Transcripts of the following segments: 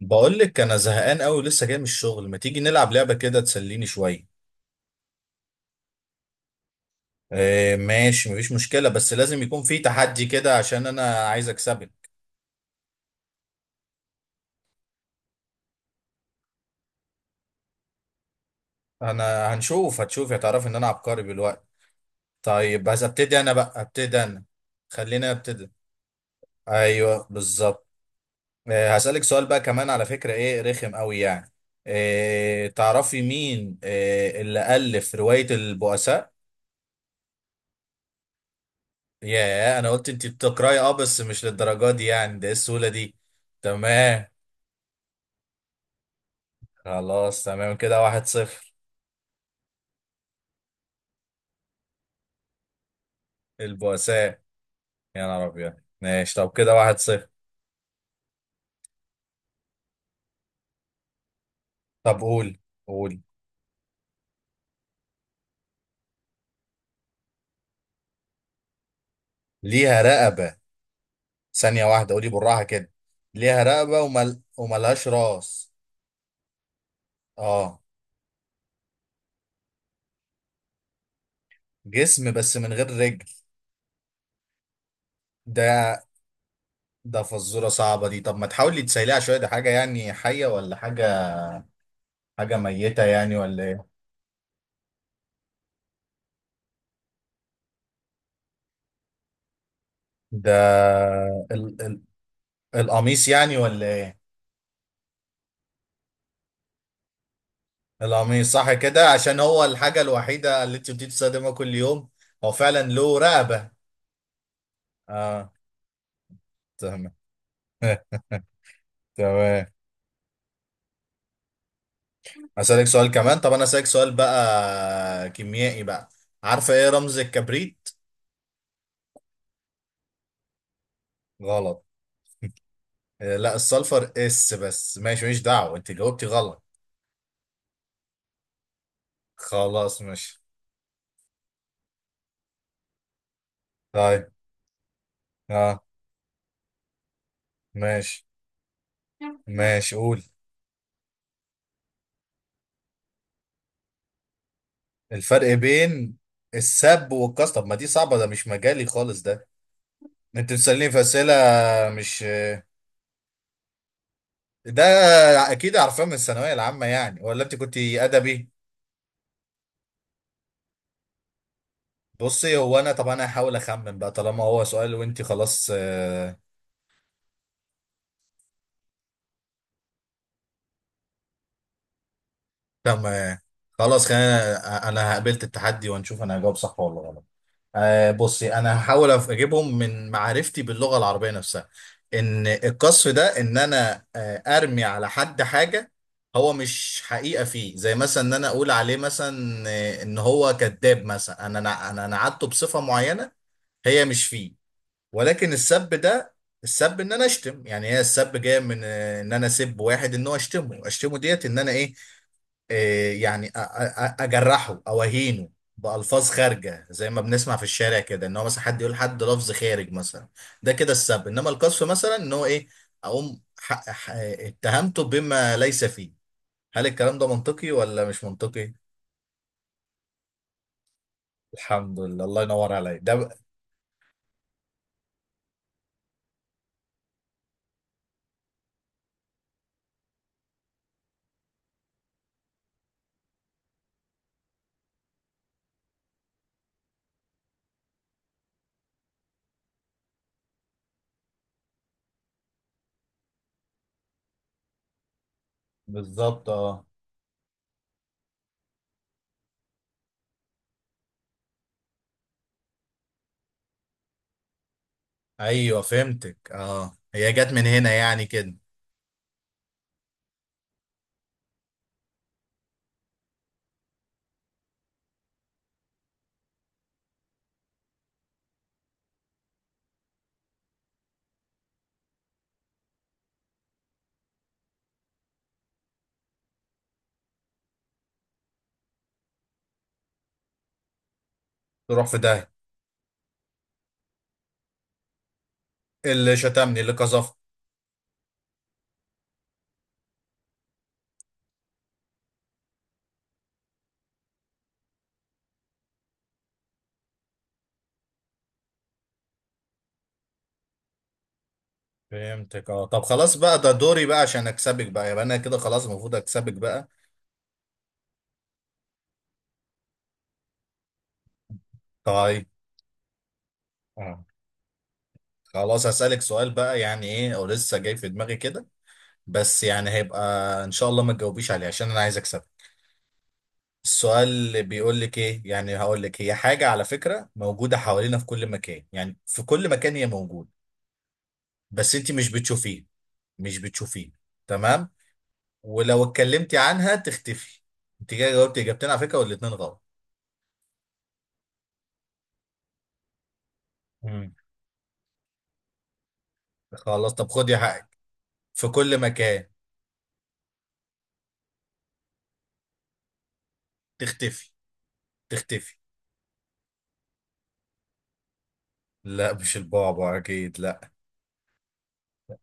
بقول لك انا زهقان قوي، لسه جاي من الشغل. ما تيجي نلعب لعبه كده تسليني شويه؟ آه، ماشي، مفيش مشكله، بس لازم يكون في تحدي كده عشان انا عايز اكسبك. انا هنشوف، هتشوف هتعرف ان انا عبقري بالوقت. طيب، بس ابتدي انا بقى، ابتدي انا. خلينا ابتدي. ايوه، بالظبط. هسألك سؤال بقى كمان، على فكره ايه رخم قوي يعني. تعرفي مين اللي ألف روايه البؤساء؟ ياه، انا قلت انت بتقراي، بس مش للدرجه دي يعني، ده ايه السهوله دي؟ تمام. خلاص، تمام كده، 1-0. البؤساء. يا نهار ابيض. ماشي، طب كده 1-0. طب قول، قول. ليها رقبه. ثانيه واحده، قولي بالراحه كده. ليها رقبه وملهاش راس. اه. جسم بس من غير رجل. ده ده فزوره صعبه دي، طب ما تحاولي تسيليها شويه، دي حاجه يعني حيه ولا حاجه؟ حاجه ميته يعني ولا ايه؟ ده. القميص يعني ولا ايه؟ القميص صح كده، عشان هو الحاجة الوحيدة اللي انت بتستخدمها كل يوم. هو فعلا له رقبة. اه. تمام. تمام. اسألك سؤال كمان، طب انا اسألك سؤال بقى كيميائي بقى. عارفة ايه رمز الكبريت؟ غلط. آه، لا السلفر اس، بس ماشي، مش دعوة، انت جاوبتي غلط. خلاص ماشي. طيب. اه. ماشي. ماشي، قول. الفرق بين السب والكاستم، ما دي صعبة، ده مش مجالي خالص ده. انت بتسألني في أسئلة. مش ده، اكيد عارفاه من الثانوية العامة يعني، ولا انت كنت ادبي؟ بصي، هو انا طب انا هحاول اخمن بقى طالما هو سؤال، وانت خلاص تمام. خلاص، خلينا، انا قبلت التحدي ونشوف انا هجاوب صح ولا غلط. بصي، انا هحاول اجيبهم من معرفتي باللغه العربيه نفسها. ان القصف ده، ان انا ارمي على حد حاجه هو مش حقيقه فيه، زي مثلا ان انا اقول عليه مثلا ان هو كذاب مثلا، انا انا انا أنا نعته بصفه معينه هي مش فيه. ولكن السب ده، السب ان انا اشتم يعني، هي السب جايه من ان انا اسب واحد، ان هو اشتمه اشتمه ديت ان انا ايه، إيه يعني اجرحه او اهينه بألفاظ خارجة، زي ما بنسمع في الشارع كده، ان هو مثلا حد يقول حد لفظ خارج مثلا. ده كده السب. انما القذف مثلا ان هو ايه، اقوم اتهمته بما ليس فيه. هل الكلام ده منطقي ولا مش منطقي؟ الحمد لله، الله ينور عليك، ده بالظبط، اه. ايوه، فهمتك، اه هي جت من هنا يعني كده. تروح في ده. اللي شتمني، اللي قذفني. فهمتك، اه، طب خلاص بقى، ده دوري بقى عشان اكسبك بقى، يبقى انا كده خلاص المفروض اكسبك بقى. طيب. اه. خلاص هسألك سؤال بقى، يعني ايه او لسه جاي في دماغي كده، بس يعني هيبقى، ان شاء الله ما تجاوبيش عليه عشان انا عايز اكسب. السؤال اللي بيقول لك ايه يعني، هقول لك، هي حاجة على فكرة موجودة حوالينا في كل مكان، يعني في كل مكان هي موجودة، بس انت مش بتشوفيه. مش بتشوفيه. تمام. ولو اتكلمتي عنها تختفي. انت كده جاوبتي اجابتين على فكرة والاتنين غلط. مم. خلاص، طب خدي حقك. في كل مكان. تختفي. تختفي. لا، مش البعبع اكيد، لا.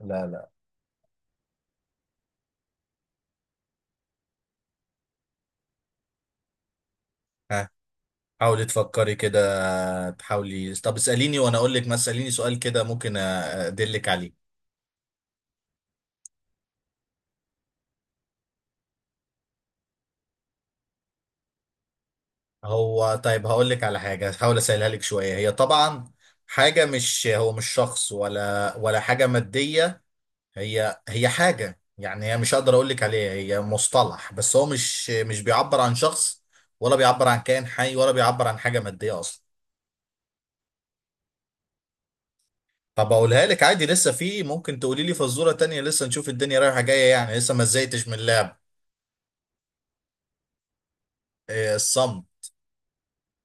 لا، لا. ها. حاولي تفكري كده، تحاولي، طب اسأليني وانا اقول لك، ما اسأليني سؤال كده ممكن ادلك عليه. هو طيب، هقول لك على حاجة هحاول اسهلها لك شوية، هي طبعا حاجة، مش هو مش شخص ولا حاجة مادية. هي حاجة يعني، هي مش هقدر اقول لك عليها، هي مصطلح بس هو مش بيعبر عن شخص ولا بيعبر عن كائن حي ولا بيعبر عن حاجة مادية اصلا. طب اقولها لك عادي، لسه في ممكن تقولي لي فزورة تانية، لسه نشوف الدنيا رايحة جاية يعني، لسه ما زهقتش من اللعب. إيه، الصمت.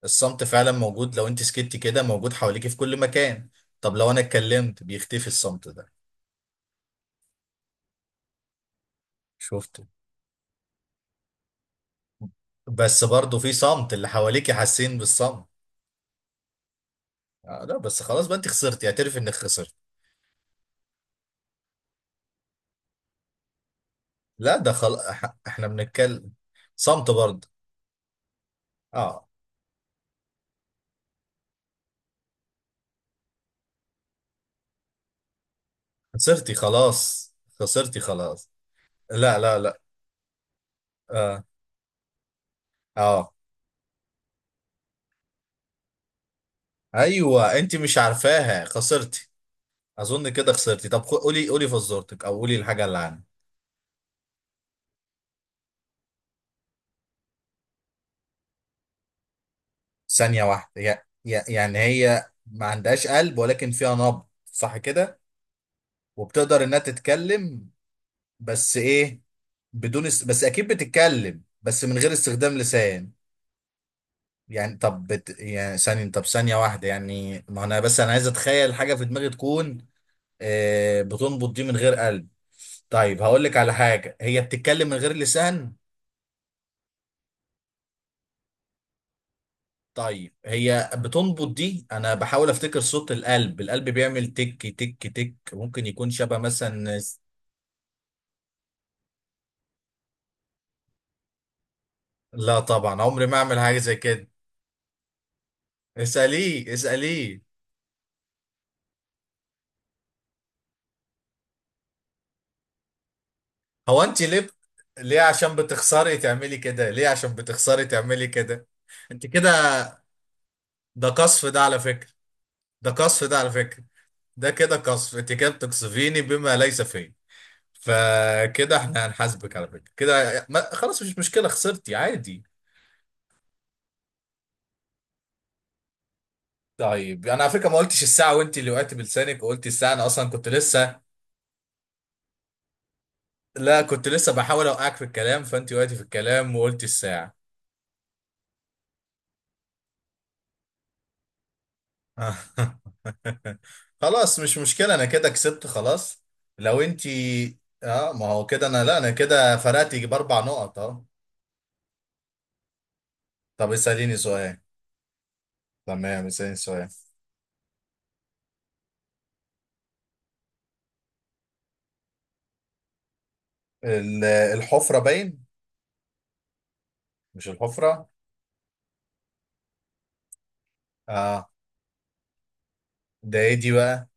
الصمت فعلا موجود، لو انت سكتي كده موجود حواليكي في كل مكان. طب لو انا اتكلمت بيختفي الصمت ده. شفته. بس برضه في صمت، اللي حواليكي حاسين بالصمت. لا بس خلاص بقى، انت خسرتي، اعترف انك خسرت. لا، ده خلاص. احنا بنتكلم. صمت برضه. اه، خسرتي خلاص. خسرتي خلاص. لا، لا، لا. اه. اه. ايوه، انت مش عارفاها، خسرتي. اظن كده خسرتي، طب قولي، قولي فزورتك او قولي الحاجه اللي عندك. ثانية واحدة، يعني هي ما عندهاش قلب ولكن فيها نبض صح كده؟ وبتقدر انها تتكلم. بس ايه، بس اكيد بتتكلم بس من غير استخدام لسان. يعني طب يعني ثانية، طب ثانية واحدة، يعني ما انا، بس انا عايز اتخيل حاجة في دماغي تكون بتنبض دي من غير قلب. طيب هقول لك على حاجة هي بتتكلم من غير لسان. طيب هي بتنبض دي، انا بحاول افتكر صوت القلب. القلب بيعمل تك تك تك، ممكن يكون شبه مثلا. لا طبعا، عمري ما اعمل حاجه زي كده. اساليه اساليه. هو انت ليه ليه؟ عشان بتخسري تعملي كده، ليه عشان بتخسري تعملي كده. انت كده، ده قصف ده على فكره. ده قصف ده على فكره. ده كده قصف، انت كده بتقصفيني بما ليس فيه. فكده احنا هنحاسبك على فكره كده، خلاص مش مشكله، خسرتي عادي. طيب، انا على فكره ما قلتش الساعه، وانت اللي وقعتي بلسانك وقلت الساعه، انا اصلا كنت لسه. لا، كنت لسه بحاول اوقعك في الكلام، فانت وقعتي في الكلام وقلت الساعه. خلاص مش مشكله، انا كده كسبت خلاص. لو انت، اه ما هو كده انا، لا انا كده فرقت يجي باربع نقط، اه. طب اساليني سؤال. تمام، اساليني سؤال. الحفره باين. مش الحفره. اه. ده ايه دي بقى؟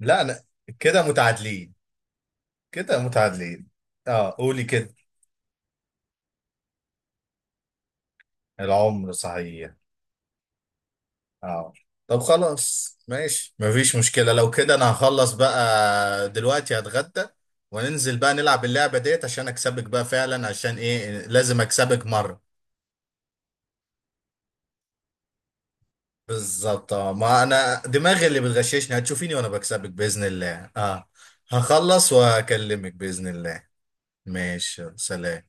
لا انا، كده متعادلين. كده متعادلين. اه، قولي كده. العمر صحيح. اه. طب خلاص ماشي، مفيش مشكلة لو كده، انا هخلص بقى دلوقتي هتغدى، وننزل بقى نلعب اللعبة ديت عشان اكسبك بقى فعلا، عشان ايه لازم اكسبك مرة. بالظبط، اه ما انا دماغي اللي بتغششني، هتشوفيني وانا بكسبك بإذن الله، اه. هخلص واكلمك بإذن الله. ماشي، سلام.